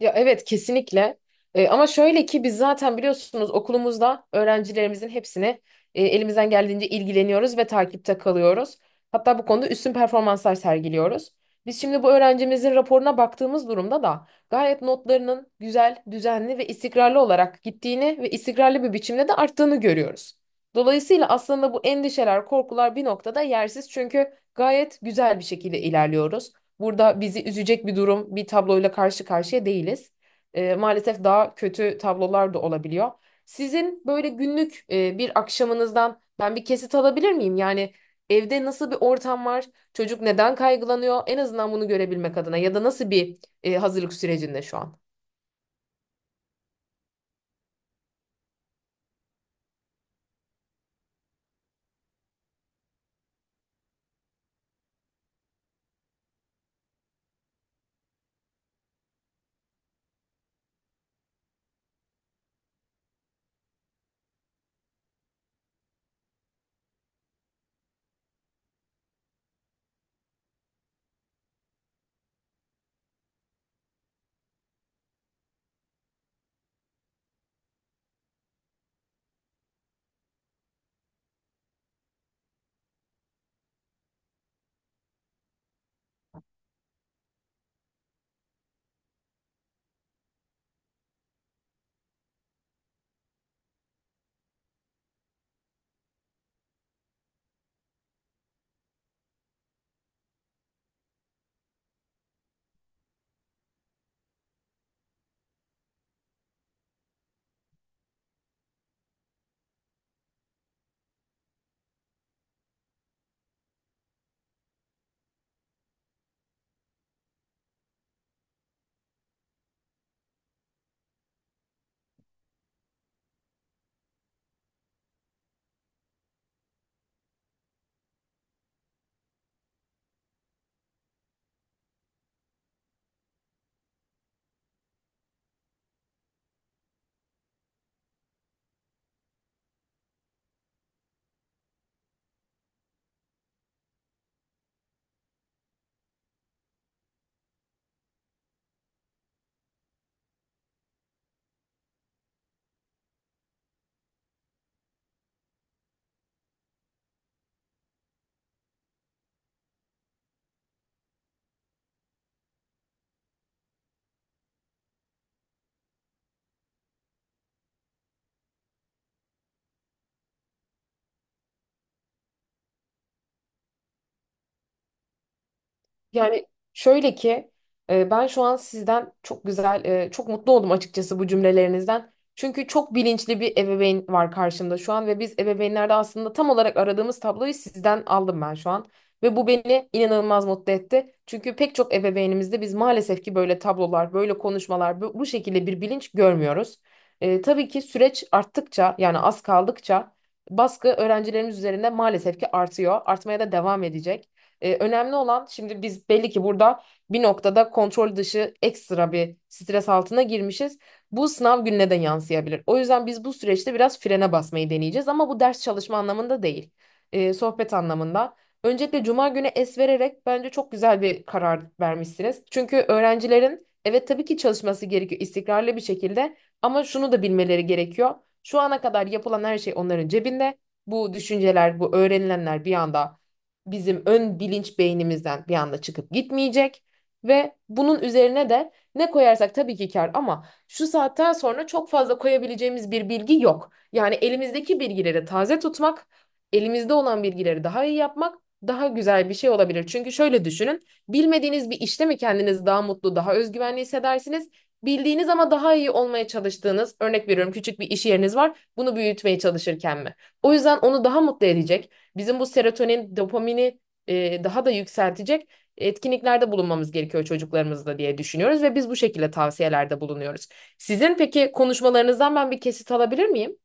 Ya evet kesinlikle. Ama şöyle ki biz zaten biliyorsunuz okulumuzda öğrencilerimizin hepsini elimizden geldiğince ilgileniyoruz ve takipte kalıyoruz. Hatta bu konuda üstün performanslar sergiliyoruz. Biz şimdi bu öğrencimizin raporuna baktığımız durumda da gayet notlarının güzel, düzenli ve istikrarlı olarak gittiğini ve istikrarlı bir biçimde de arttığını görüyoruz. Dolayısıyla aslında bu endişeler, korkular bir noktada yersiz çünkü gayet güzel bir şekilde ilerliyoruz. Burada bizi üzecek bir durum, bir tabloyla karşı karşıya değiliz. Maalesef daha kötü tablolar da olabiliyor. Sizin böyle günlük bir akşamınızdan ben bir kesit alabilir miyim? Yani evde nasıl bir ortam var? Çocuk neden kaygılanıyor? En azından bunu görebilmek adına ya da nasıl bir hazırlık sürecinde şu an? Yani şöyle ki ben şu an sizden çok güzel, çok mutlu oldum açıkçası bu cümlelerinizden. Çünkü çok bilinçli bir ebeveyn var karşımda şu an ve biz ebeveynlerde aslında tam olarak aradığımız tabloyu sizden aldım ben şu an. Ve bu beni inanılmaz mutlu etti. Çünkü pek çok ebeveynimizde biz maalesef ki böyle tablolar, böyle konuşmalar, bu şekilde bir bilinç görmüyoruz. Tabii ki süreç arttıkça yani az kaldıkça baskı öğrencilerimiz üzerinde maalesef ki artıyor. Artmaya da devam edecek. Önemli olan şimdi biz belli ki burada bir noktada kontrol dışı ekstra bir stres altına girmişiz. Bu sınav gününe de yansıyabilir. O yüzden biz bu süreçte biraz frene basmayı deneyeceğiz ama bu ders çalışma anlamında değil. Sohbet anlamında. Öncelikle cuma günü es vererek bence çok güzel bir karar vermişsiniz. Çünkü öğrencilerin evet tabii ki çalışması gerekiyor istikrarlı bir şekilde ama şunu da bilmeleri gerekiyor. Şu ana kadar yapılan her şey onların cebinde. Bu düşünceler, bu öğrenilenler bir anda bizim ön bilinç beynimizden bir anda çıkıp gitmeyecek ve bunun üzerine de ne koyarsak tabii ki kar ama şu saatten sonra çok fazla koyabileceğimiz bir bilgi yok. Yani elimizdeki bilgileri taze tutmak, elimizde olan bilgileri daha iyi yapmak daha güzel bir şey olabilir. Çünkü şöyle düşünün, bilmediğiniz bir işte mi kendinizi daha mutlu, daha özgüvenli hissedersiniz? Bildiğiniz ama daha iyi olmaya çalıştığınız, örnek veriyorum küçük bir iş yeriniz var, bunu büyütmeye çalışırken mi? O yüzden onu daha mutlu edecek bizim bu serotonin, dopamini daha da yükseltecek etkinliklerde bulunmamız gerekiyor çocuklarımızla diye düşünüyoruz ve biz bu şekilde tavsiyelerde bulunuyoruz. Sizin peki konuşmalarınızdan ben bir kesit alabilir miyim?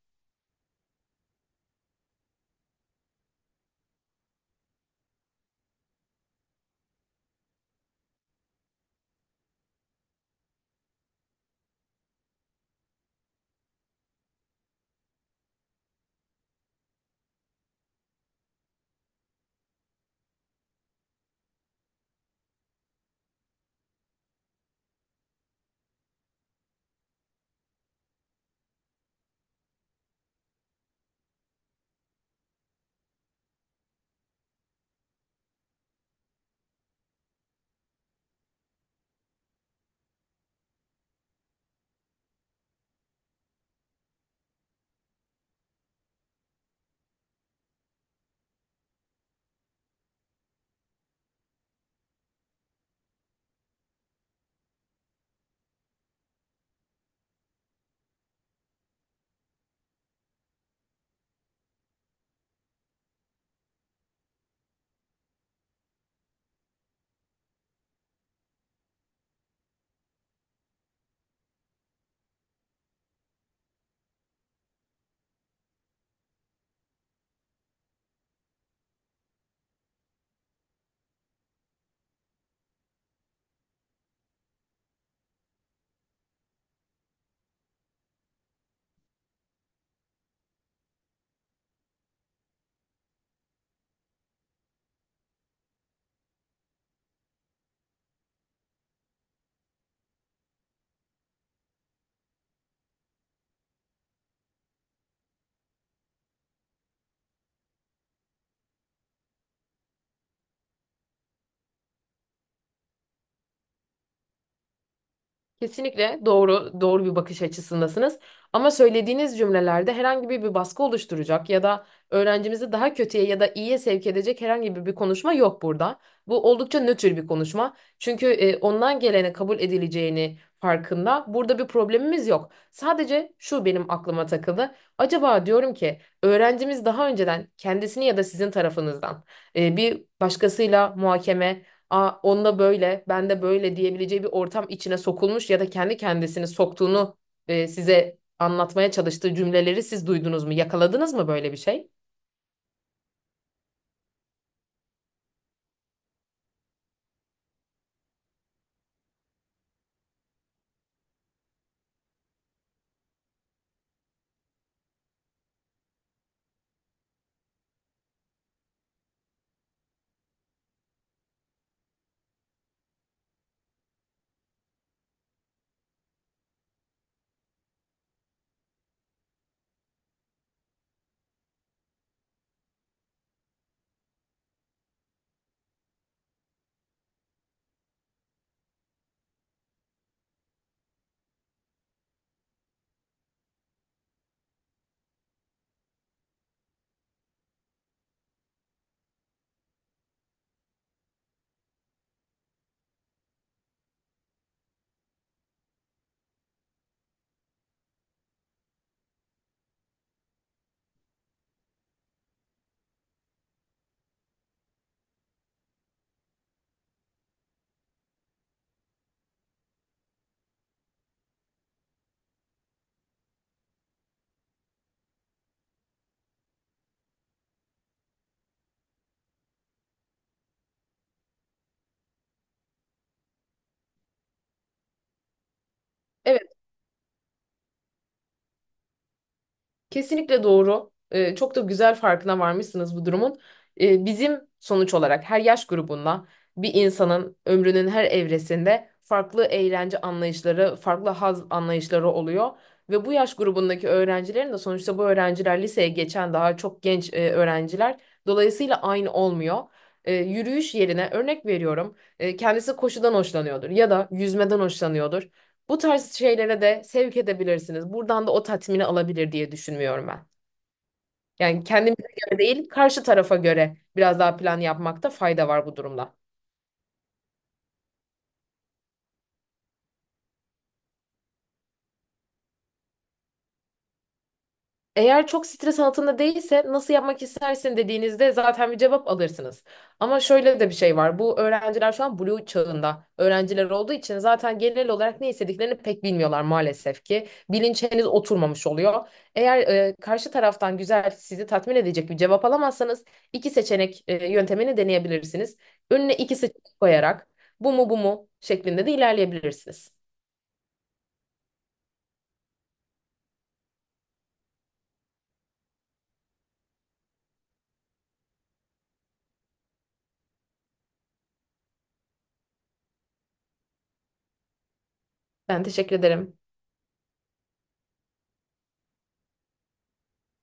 Kesinlikle doğru bir bakış açısındasınız. Ama söylediğiniz cümlelerde herhangi bir baskı oluşturacak ya da öğrencimizi daha kötüye ya da iyiye sevk edecek herhangi bir konuşma yok burada. Bu oldukça nötr bir konuşma. Çünkü ondan gelene kabul edileceğini farkında. Burada bir problemimiz yok. Sadece şu benim aklıma takıldı. Acaba diyorum ki öğrencimiz daha önceden kendisini ya da sizin tarafınızdan bir başkasıyla muhakeme. Aa, onda böyle, ben de böyle diyebileceği bir ortam içine sokulmuş ya da kendi kendisini soktuğunu size anlatmaya çalıştığı cümleleri siz duydunuz mu? Yakaladınız mı böyle bir şey? Evet. Kesinlikle doğru. Çok da güzel farkına varmışsınız bu durumun. Bizim sonuç olarak her yaş grubunda bir insanın ömrünün her evresinde farklı eğlence anlayışları, farklı haz anlayışları oluyor. Ve bu yaş grubundaki öğrencilerin de sonuçta bu öğrenciler liseye geçen daha çok genç öğrenciler. Dolayısıyla aynı olmuyor. Yürüyüş yerine örnek veriyorum. Kendisi koşudan hoşlanıyordur ya da yüzmeden hoşlanıyordur. Bu tarz şeylere de sevk edebilirsiniz. Buradan da o tatmini alabilir diye düşünmüyorum ben. Yani kendimize göre değil, karşı tarafa göre biraz daha plan yapmakta fayda var bu durumda. Eğer çok stres altında değilse nasıl yapmak istersin dediğinizde zaten bir cevap alırsınız. Ama şöyle de bir şey var. Bu öğrenciler şu an blue çağında öğrenciler olduğu için zaten genel olarak ne istediklerini pek bilmiyorlar maalesef ki. Bilinç henüz oturmamış oluyor. Eğer karşı taraftan güzel sizi tatmin edecek bir cevap alamazsanız iki seçenek yöntemini deneyebilirsiniz. Önüne iki seçenek koyarak bu mu bu mu şeklinde de ilerleyebilirsiniz. Ben teşekkür ederim.